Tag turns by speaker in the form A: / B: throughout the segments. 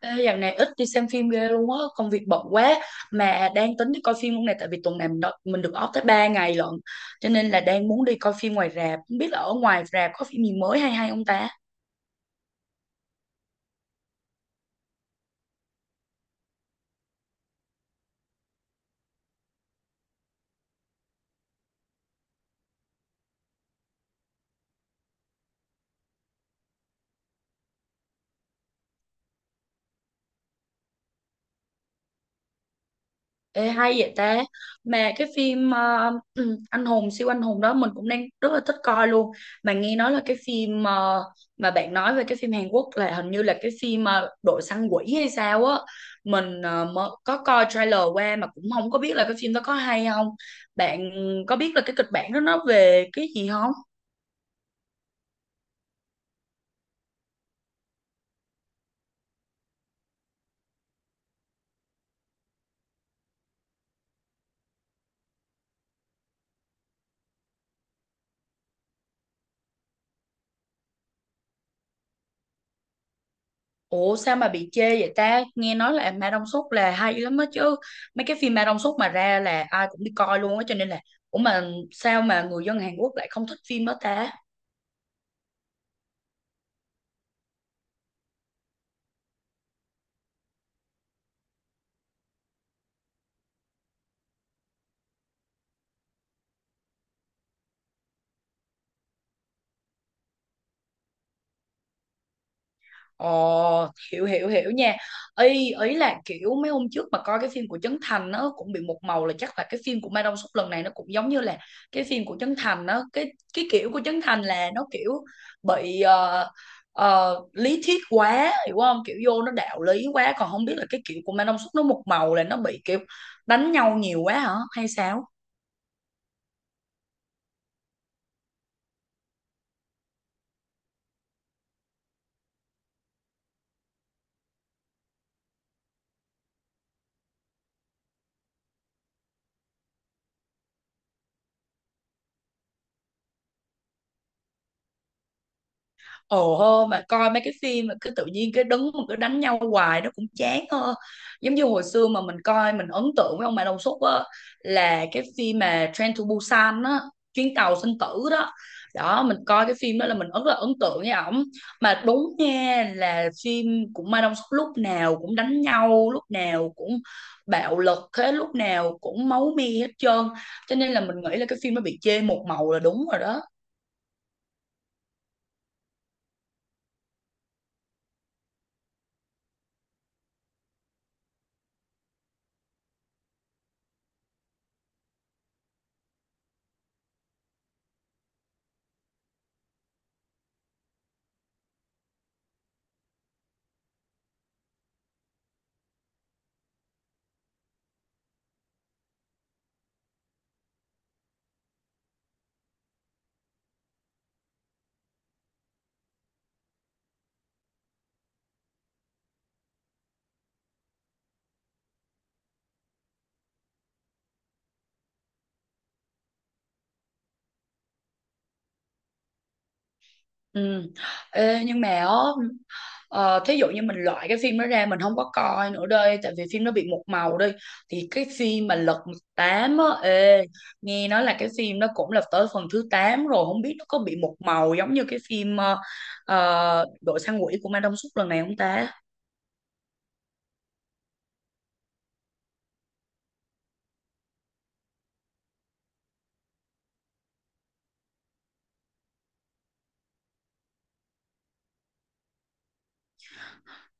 A: Ê, dạo này ít đi xem phim ghê luôn á, công việc bận quá mà đang tính đi coi phim hôm nay tại vì tuần này mình được off tới 3 ngày lận. Cho nên là đang muốn đi coi phim ngoài rạp, không biết là ở ngoài rạp có phim gì mới hay hay không ta? Ê, hay vậy ta, mà cái phim anh hùng siêu anh hùng đó mình cũng đang rất là thích coi luôn, mà nghe nói là cái phim mà bạn nói về cái phim Hàn Quốc là hình như là cái phim đội săn quỷ hay sao á. Mình mới có coi trailer qua mà cũng không có biết là cái phim đó có hay không. Bạn có biết là cái kịch bản đó nó về cái gì không? Ủa sao mà bị chê vậy ta? Nghe nói là Ma Đông Súc là hay lắm á chứ. Mấy cái phim Ma Đông Súc mà ra là ai cũng đi coi luôn á, cho nên là ủa mà sao mà người dân Hàn Quốc lại không thích phim đó ta? Ồ, hiểu hiểu hiểu nha. Ý ý là kiểu mấy hôm trước mà coi cái phim của Trấn Thành nó cũng bị một màu, là chắc là cái phim của Mai Đông Súp lần này nó cũng giống như là cái phim của Trấn Thành. Nó cái kiểu của Trấn Thành là nó kiểu bị lý thuyết quá, hiểu không? Kiểu vô nó đạo lý quá, còn không biết là cái kiểu của Mai Đông Súp nó một màu là nó bị kiểu đánh nhau nhiều quá hả hay sao? Ồ hô, mà coi mấy cái phim mà cứ tự nhiên cái đứng mà cứ đánh nhau hoài nó cũng chán hơn. Giống như hồi xưa mà mình coi, mình ấn tượng với ông Mai Đông Xuất á, là cái phim mà Train to Busan á, chuyến tàu sinh tử đó. Đó, mình coi cái phim đó là mình rất là ấn tượng với ổng, mà đúng nha, là phim của Mai Đông Xuất lúc nào cũng đánh nhau, lúc nào cũng bạo lực thế, lúc nào cũng máu me hết trơn, cho nên là mình nghĩ là cái phim nó bị chê một màu là đúng rồi đó. Ừ. Ê, nhưng mà á, ờ, thí dụ như mình loại cái phim đó ra, mình không có coi nữa đây tại vì phim nó bị một màu đi, thì cái phim mà Lật Mặt Tám á ê, nghe nói là cái phim nó cũng là tới phần thứ 8 rồi, không biết nó có bị một màu giống như cái phim Đội săn quỷ của Ma Đông Súc lần này không ta?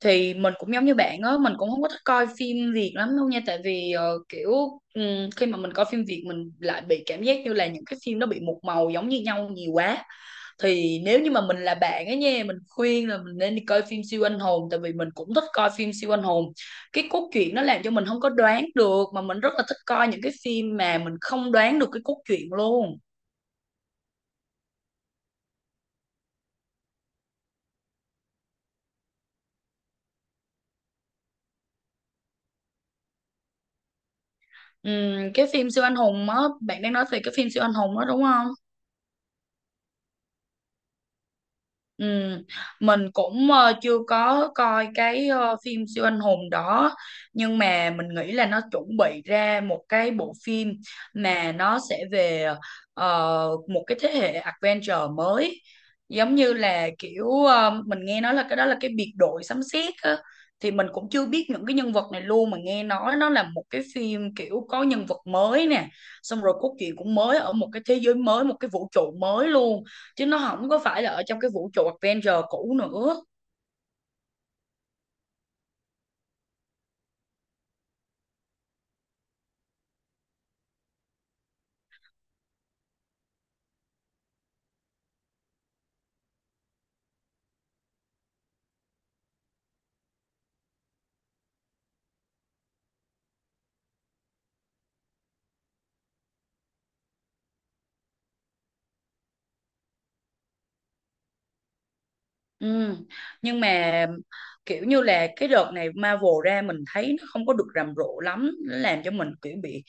A: Thì mình cũng giống như bạn á, mình cũng không có thích coi phim Việt lắm đâu nha, tại vì kiểu khi mà mình coi phim Việt mình lại bị cảm giác như là những cái phim nó bị một màu giống như nhau nhiều quá. Thì nếu như mà mình là bạn ấy nha, mình khuyên là mình nên đi coi phim siêu anh hùng, tại vì mình cũng thích coi phim siêu anh hùng, cái cốt truyện nó làm cho mình không có đoán được, mà mình rất là thích coi những cái phim mà mình không đoán được cái cốt truyện luôn. Cái phim siêu anh hùng á, bạn đang nói về cái phim siêu anh hùng đó đúng không? Ừ, mình cũng chưa có coi cái phim siêu anh hùng đó, nhưng mà mình nghĩ là nó chuẩn bị ra một cái bộ phim mà nó sẽ về một cái thế hệ adventure mới, giống như là kiểu mình nghe nói là cái đó là cái biệt đội sấm sét á. Thì mình cũng chưa biết những cái nhân vật này luôn, mà nghe nói nó là một cái phim kiểu có nhân vật mới nè, xong rồi cốt truyện cũng mới, ở một cái thế giới mới, một cái vũ trụ mới luôn, chứ nó không có phải là ở trong cái vũ trụ Avenger cũ nữa. Ừ. Nhưng mà kiểu như là cái đợt này Marvel ra mình thấy nó không có được rầm rộ lắm, nó làm cho mình kiểu bị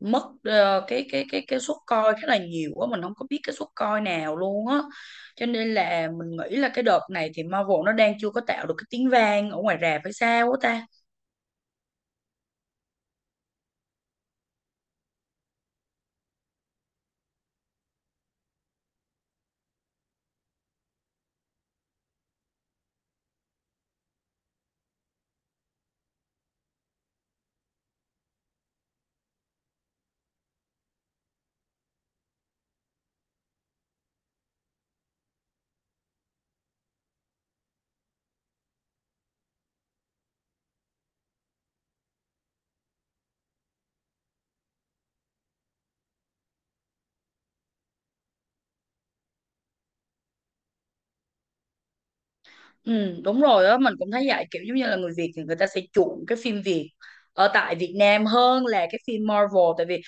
A: mất cái suất coi khá là nhiều quá, mình không có biết cái suất coi nào luôn á, cho nên là mình nghĩ là cái đợt này thì Marvel nó đang chưa có tạo được cái tiếng vang ở ngoài rạp hay sao á ta. Ừ, đúng rồi đó, mình cũng thấy vậy, kiểu giống như là người Việt thì người ta sẽ chuộng cái phim Việt ở tại Việt Nam hơn là cái phim Marvel, tại vì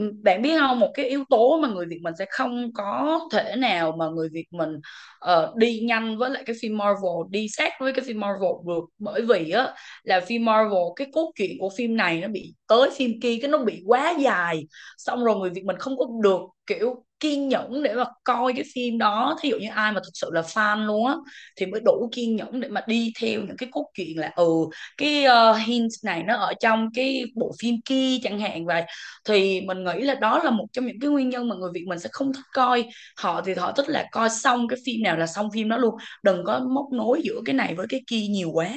A: ừ, bạn biết không, một cái yếu tố mà người Việt mình sẽ không có thể nào mà người Việt mình đi nhanh với lại cái phim Marvel, đi sát với cái phim Marvel được, bởi vì á là phim Marvel cái cốt truyện của phim này nó bị tới phim kia cái nó bị quá dài, xong rồi người Việt mình không có được kiểu kiên nhẫn để mà coi cái phim đó. Thí dụ như ai mà thực sự là fan luôn á thì mới đủ kiên nhẫn để mà đi theo những cái cốt truyện, là ừ cái hint này nó ở trong cái bộ phim kia chẳng hạn vậy. Thì mình nghĩ là đó là một trong những cái nguyên nhân mà người Việt mình sẽ không thích coi. Họ thì họ thích là coi xong cái phim nào là xong phim đó luôn, đừng có móc nối giữa cái này với cái kia nhiều quá.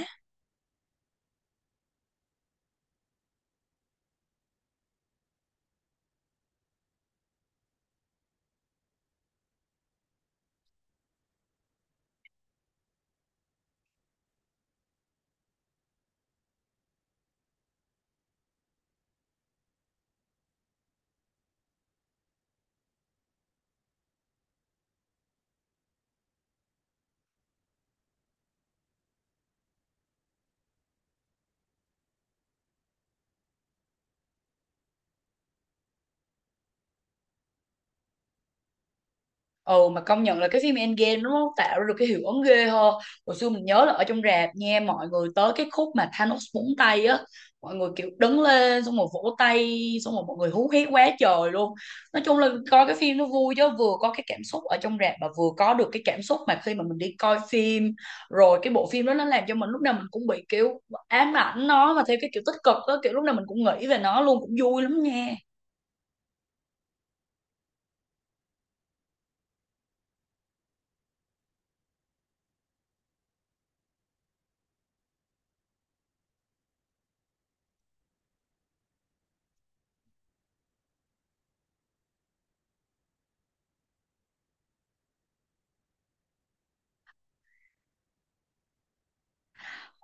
A: Ừ, mà công nhận là cái phim Endgame nó tạo ra được cái hiệu ứng ghê ho. Hồi xưa mình nhớ là ở trong rạp nha, mọi người tới cái khúc mà Thanos búng tay á, mọi người kiểu đứng lên xong rồi vỗ tay, xong rồi mọi người hú hét quá trời luôn. Nói chung là coi cái phim nó vui, chứ vừa có cái cảm xúc ở trong rạp, mà vừa có được cái cảm xúc mà khi mà mình đi coi phim, rồi cái bộ phim đó nó làm cho mình lúc nào mình cũng bị kiểu ám ảnh nó, mà theo cái kiểu tích cực á, kiểu lúc nào mình cũng nghĩ về nó luôn, cũng vui lắm nha.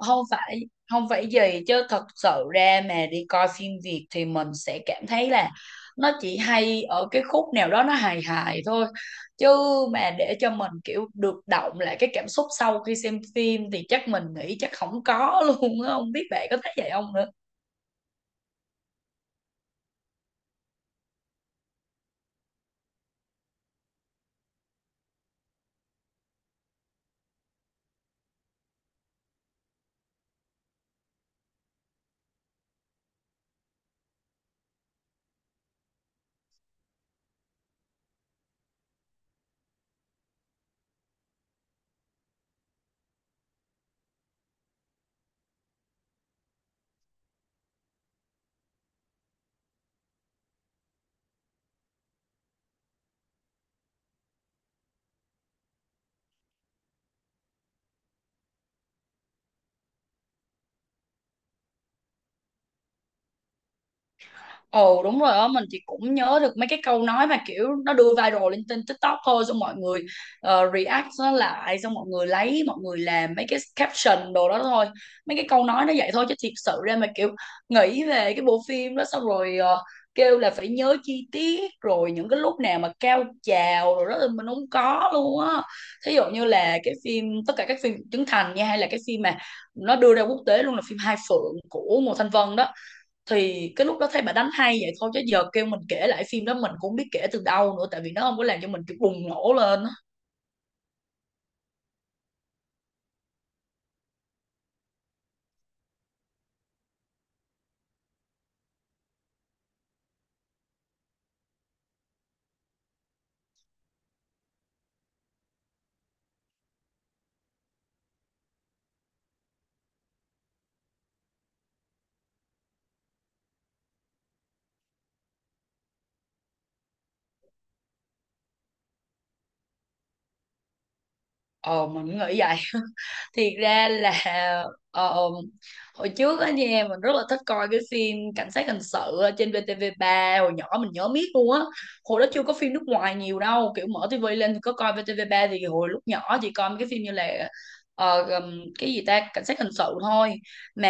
A: Không phải không phải gì chứ, thật sự ra mà đi coi phim Việt thì mình sẽ cảm thấy là nó chỉ hay ở cái khúc nào đó nó hài hài thôi, chứ mà để cho mình kiểu được động lại cái cảm xúc sau khi xem phim thì chắc mình nghĩ chắc không có luôn á, không biết bạn có thấy vậy không nữa. Ồ đúng rồi á, mình thì cũng nhớ được mấy cái câu nói mà kiểu nó đưa viral lên trên TikTok thôi, xong mọi người react nó lại, xong mọi người lấy, mọi người làm mấy cái caption đồ đó thôi. Mấy cái câu nói nó vậy thôi, chứ thiệt sự ra mà kiểu nghĩ về cái bộ phim đó xong rồi kêu là phải nhớ chi tiết rồi những cái lúc nào mà cao trào rồi đó thì mình không có luôn á. Thí dụ như là cái phim, tất cả các phim Trấn Thành nha, hay là cái phim mà nó đưa ra quốc tế luôn là phim Hai Phượng của Ngô Thanh Vân đó, thì cái lúc đó thấy bà đánh hay vậy thôi, chứ giờ kêu mình kể lại phim đó mình cũng không biết kể từ đâu nữa, tại vì nó không có làm cho mình kiểu bùng nổ lên. Ờ mình cũng nghĩ vậy. Thiệt ra là ờ, ờ, hồi trước á nha, mình rất là thích coi cái phim cảnh sát hình sự ở trên VTV3 hồi nhỏ, mình nhớ miết luôn á. Hồi đó chưa có phim nước ngoài nhiều đâu, kiểu mở tivi lên thì có coi VTV3, thì hồi lúc nhỏ chỉ coi mấy cái phim như là cái gì ta, cảnh sát hình sự thôi. Mà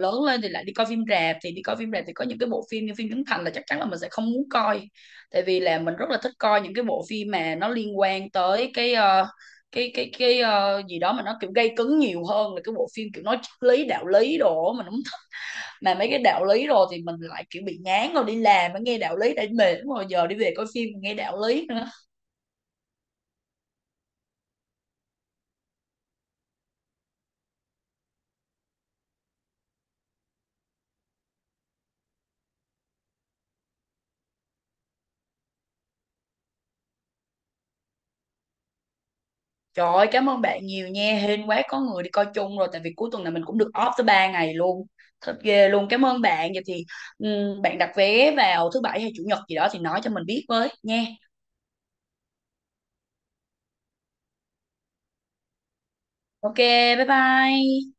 A: lớn lên thì lại đi coi phim rạp, thì đi coi phim rạp thì có những cái bộ phim như phim Trấn Thành là chắc chắn là mình sẽ không muốn coi, tại vì là mình rất là thích coi những cái bộ phim mà nó liên quan tới cái gì đó mà nó kiểu gây cấn nhiều hơn là cái bộ phim kiểu nói triết lý đạo lý đồ, mà đúng mà mấy cái đạo lý rồi thì mình lại kiểu bị ngán rồi, đi làm mà nghe đạo lý đã mệt rồi, giờ đi về coi phim nghe đạo lý nữa. Trời ơi cảm ơn bạn nhiều nha, hên quá có người đi coi chung rồi, tại vì cuối tuần này mình cũng được off tới 3 ngày luôn, thật ghê luôn. Cảm ơn bạn. Vậy thì bạn đặt vé vào thứ bảy hay chủ nhật gì đó thì nói cho mình biết với nha. Ok, bye bye.